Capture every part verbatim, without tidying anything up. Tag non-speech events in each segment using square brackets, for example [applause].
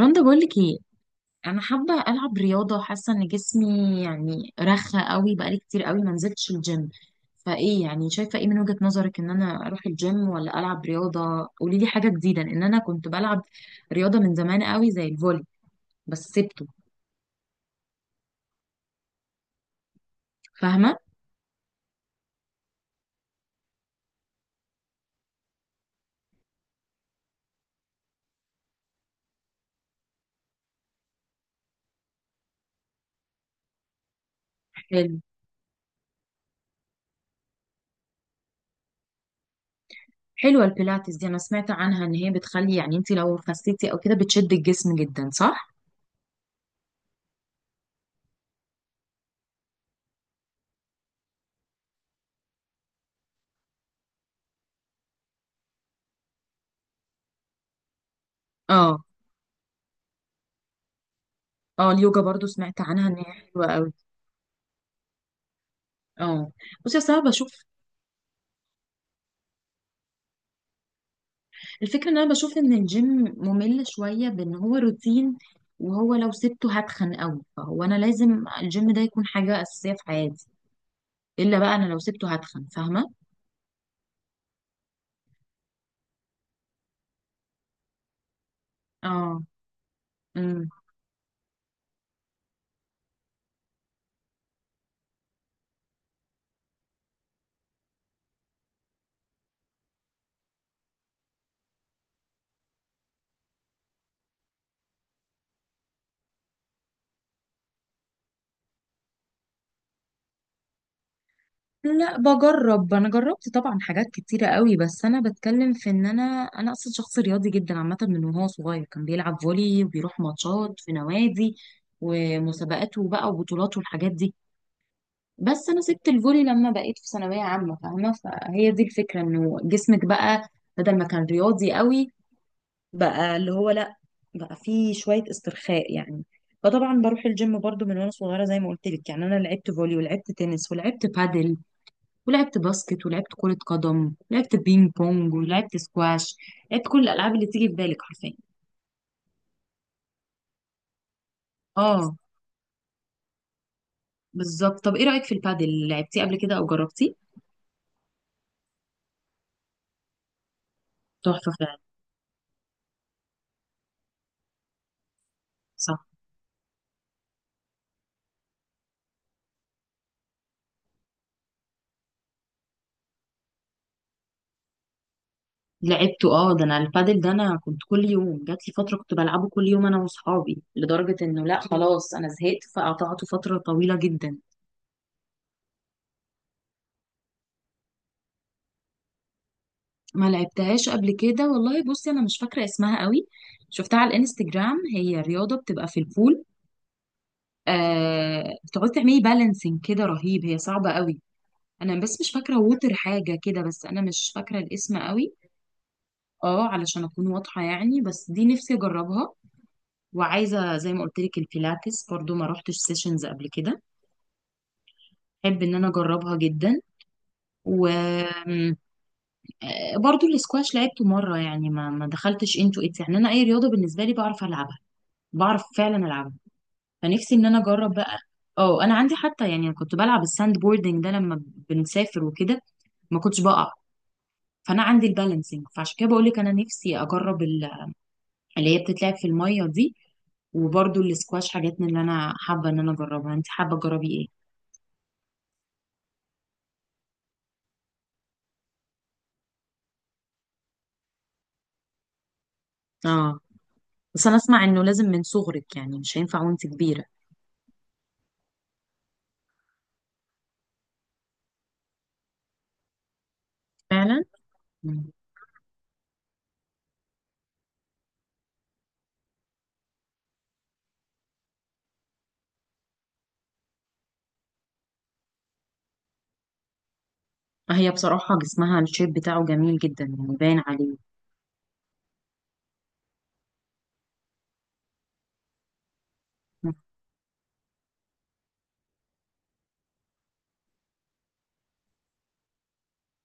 رندا بقولك ايه؟ انا حابه العب رياضه، حاسه ان جسمي يعني رخى قوي، بقالي كتير قوي ما نزلتش الجيم. فايه يعني شايفه ايه من وجهه نظرك؟ ان انا اروح الجيم ولا العب رياضه؟ قولي لي حاجه جديده، لان انا كنت بلعب رياضه من زمان قوي زي الفولي، بس سبته، فاهمه؟ حلو. حلوه البيلاتس دي، انا سمعت عنها ان هي بتخلي يعني انت لو خسيتي او كده بتشد الجسم جدا، صح؟ اه اه. اليوجا برضو سمعت عنها ان هي حلوه قوي. اه، بصي، اصل انا بشوف. الفكرة ان انا بشوف ان الجيم ممل شوية، بان هو روتين، وهو لو سبته هتخن قوي، فهو انا لازم الجيم ده يكون حاجة اساسية في حياتي. الا بقى انا لو سبته هتخن، فاهمة؟ اه. امم. لا بجرب، انا جربت طبعا حاجات كتيرة قوي، بس انا بتكلم في ان انا انا اصلا شخص رياضي جدا عامة، من وهو صغير كان بيلعب فولي وبيروح ماتشات في نوادي ومسابقاته بقى وبطولاته والحاجات دي. بس انا سبت الفولي لما بقيت في ثانويه عامه، فاهمه؟ فهي دي الفكره، انه جسمك بقى بدل ما كان رياضي قوي، بقى اللي هو لا، بقى فيه شويه استرخاء يعني. فطبعا بروح الجيم برضو من وانا صغيره، زي ما قلت لك. يعني انا لعبت فولي ولعبت تنس ولعبت بادل ولعبت باسكت ولعبت كره قدم ولعبت بينج بونج ولعبت سكواش. لعبت كل الالعاب اللي تيجي في بالك حرفيا. اه بالظبط. طب ايه رايك في البادل؟ لعبتيه قبل كده او جربتيه؟ تحفه فعلا. صح. لعبته، اه، ده انا البادل ده انا كنت كل يوم، جات لي فتره كنت بلعبه كل يوم انا واصحابي، لدرجه انه لا خلاص انا زهقت فقطعته فتره طويله جدا. ما لعبتهاش قبل كده والله. بصي انا مش فاكره اسمها قوي، شفتها على الانستجرام، هي رياضه بتبقى في البول آه، بتقعدي تعملي بالانسنج كده، رهيب، هي صعبه قوي. انا بس مش فاكره، ووتر حاجه كده، بس انا مش فاكره الاسم قوي. اه علشان اكون واضحه يعني، بس دي نفسي اجربها. وعايزه زي ما قلت لك البيلاتس برضو ما روحتش سيشنز قبل كده، احب ان انا اجربها جدا. وبرضو الاسكواش لعبته مره، يعني ما ما دخلتش انتو اتس. يعني انا اي رياضه بالنسبه لي بعرف العبها، بعرف فعلا العبها، فنفسي ان انا اجرب بقى. اه انا عندي حتى، يعني أنا كنت بلعب الساند بوردنج ده لما بنسافر وكده، ما كنتش بقع. فانا عندي البالانسنج، فعشان كده بقول لك انا نفسي اجرب ال- اللي هي بتتلعب في الميه دي، وبرضو الاسكواش، حاجات من اللي انا حابه ان انا اجربها. انت حابه تجربي ايه؟ اه بس انا اسمع انه لازم من صغرك، يعني مش هينفع وانت كبيره. فعلا، هي بصراحة جسمها الشيب بتاعه جميل جدا، يعني باين عليه.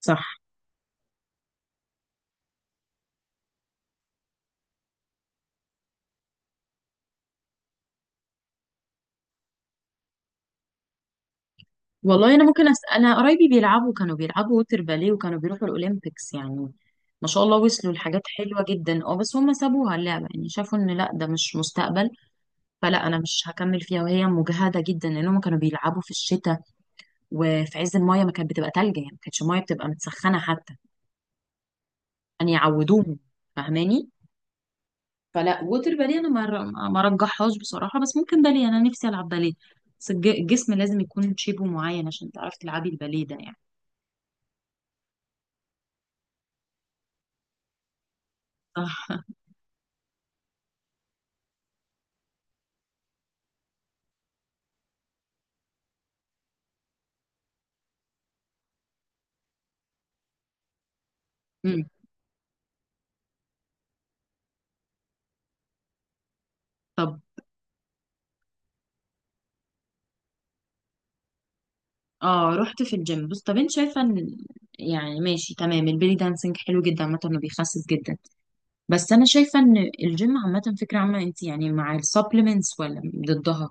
صح. والله أنا ممكن أسأل، أنا قرايبي بيلعبوا، كانوا بيلعبوا ووتر باليه وكانوا بيروحوا الأولمبيكس يعني، ما شاء الله وصلوا لحاجات حلوة جدا. اه بس هم سابوها اللعبة، يعني شافوا إن لأ ده مش مستقبل. فلا أنا مش هكمل فيها، وهي مجهدة جدا، لأن هم كانوا بيلعبوا في الشتاء وفي عز الماية، ما كانت بتبقى تلج يعني، ما كانتش الماية بتبقى متسخنة حتى، يعني يعودوهم. فاهماني؟ فلا، ووتر باليه انا ما ر- ما رجحهاش بصراحه، بس ممكن باليه، انا نفسي العب باليه. بس الج- الجسم لازم يكون شيبه معين عشان تعرفي تلعبي الباليه ده يعني. صح [laughs] امم. طب اه، رحت في الجيم. بص، طب انت شايفه ان يعني ماشي تمام، البيلي دانسينج حلو جدا عامه، انه بيخسس جدا. بس انا شايفه ان الجيم عامه، فكره عامه، انت يعني مع السبلمنتس ولا ضدها؟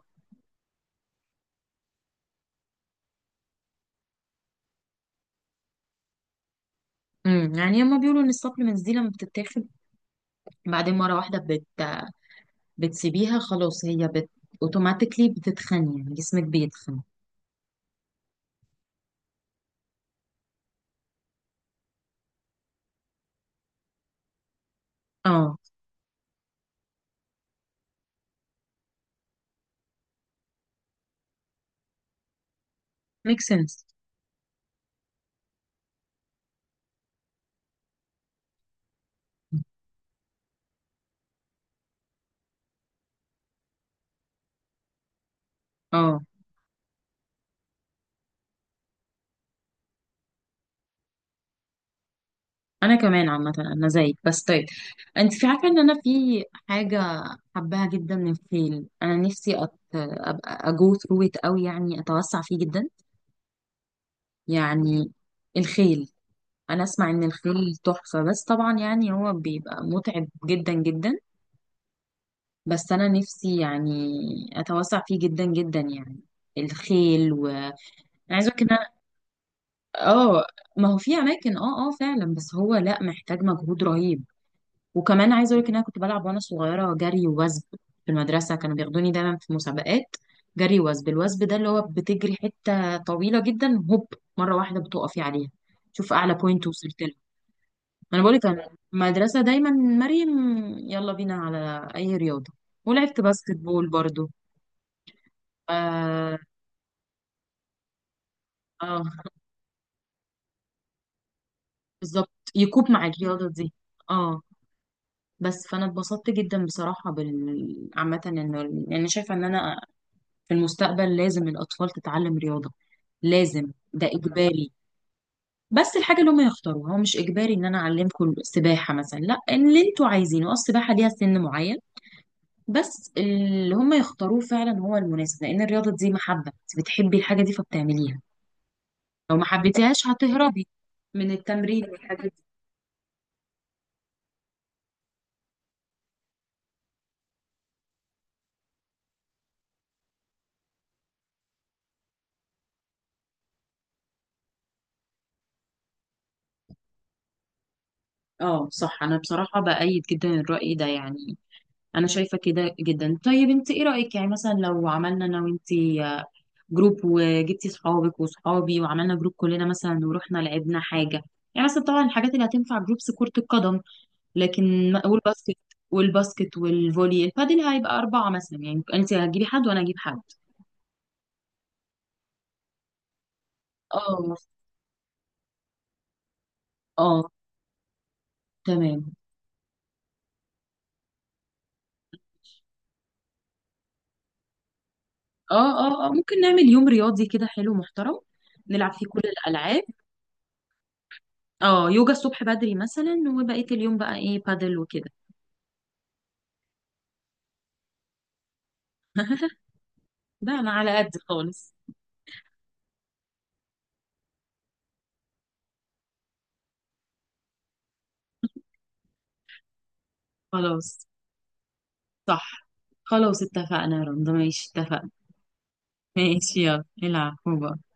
امم. يعني هما بيقولوا ان السبلمنتس دي لما بتتاخد بعدين مره واحده بت بتسيبيها خلاص، هي بت... اوتوماتيكلي بتتخن، يعني جسمك بيتخن. اه، ميك سنس. اه انا كمان عامه انا زيك. بس طيب، انت في عارفه ان انا في حاجه حباها جدا من الخيل، انا نفسي أت... ابقى اجو ثرو ات قوي، يعني اتوسع فيه جدا يعني، الخيل. انا اسمع ان الخيل تحفه، بس طبعا يعني هو بيبقى متعب جدا جدا. بس انا نفسي يعني اتوسع فيه جدا جدا يعني، الخيل و... انا عايزه اقولك. اه، ما هو في اماكن، اه اه فعلا، بس هو لا محتاج مجهود رهيب. وكمان عايزه اقول لك ان انا كنت بلعب وانا صغيره جري ووثب، في المدرسه كانوا بياخدوني دايما في مسابقات جري وثب. الوثب ده اللي هو بتجري حته طويله جدا هوب، مره واحده بتقفي عليها، شوف اعلى بوينت وصلت له. انا بقول لك انا، المدرسه دايما مريم، يلا بينا على اي رياضه. ولعبت باسكت بول برضو. اه. آه بالظبط، يكوب مع الرياضه دي. اه بس، فانا اتبسطت جدا بصراحه بال عامه. انه يعني شايفه ان انا في المستقبل لازم الاطفال تتعلم رياضه، لازم، ده اجباري. بس الحاجه اللي هم يختاروها، هو مش اجباري ان انا اعلمكم سباحه مثلا، لا اللي انتوا عايزينه، اه السباحه ليها سن معين، بس اللي هم يختاروه فعلا هو المناسب، لان الرياضه دي محبه، انت بتحبي الحاجه دي فبتعمليها، لو ما حبيتيهاش هتهربي من التمرين والحاجات دي. اه صح، انا بصراحه بأيد جدا الرأي ده يعني، انا شايفه كده جدا. طيب انت ايه رايك يعني مثلا لو عملنا انا وانت جروب، وجبتي صحابك وصحابي وعملنا جروب كلنا مثلا ورحنا لعبنا حاجه؟ يعني مثلا طبعا الحاجات اللي هتنفع جروبس، كره القدم، لكن، والباسكت والباسكت والفولي. البادل هيبقى اربعه مثلا، يعني انت هتجيبي حد وانا اجيب حد. اه، اه تمام. اه اه اه، ممكن نعمل يوم رياضي كده حلو محترم، نلعب فيه كل الالعاب. اه يوجا الصبح بدري مثلا، وبقيه اليوم بقى ايه بادل وكده. ده انا على قد خالص. خلاص. صح. خلاص اتفقنا يا رندا، ماشي اتفقنا. ماشي يلا العب، باي.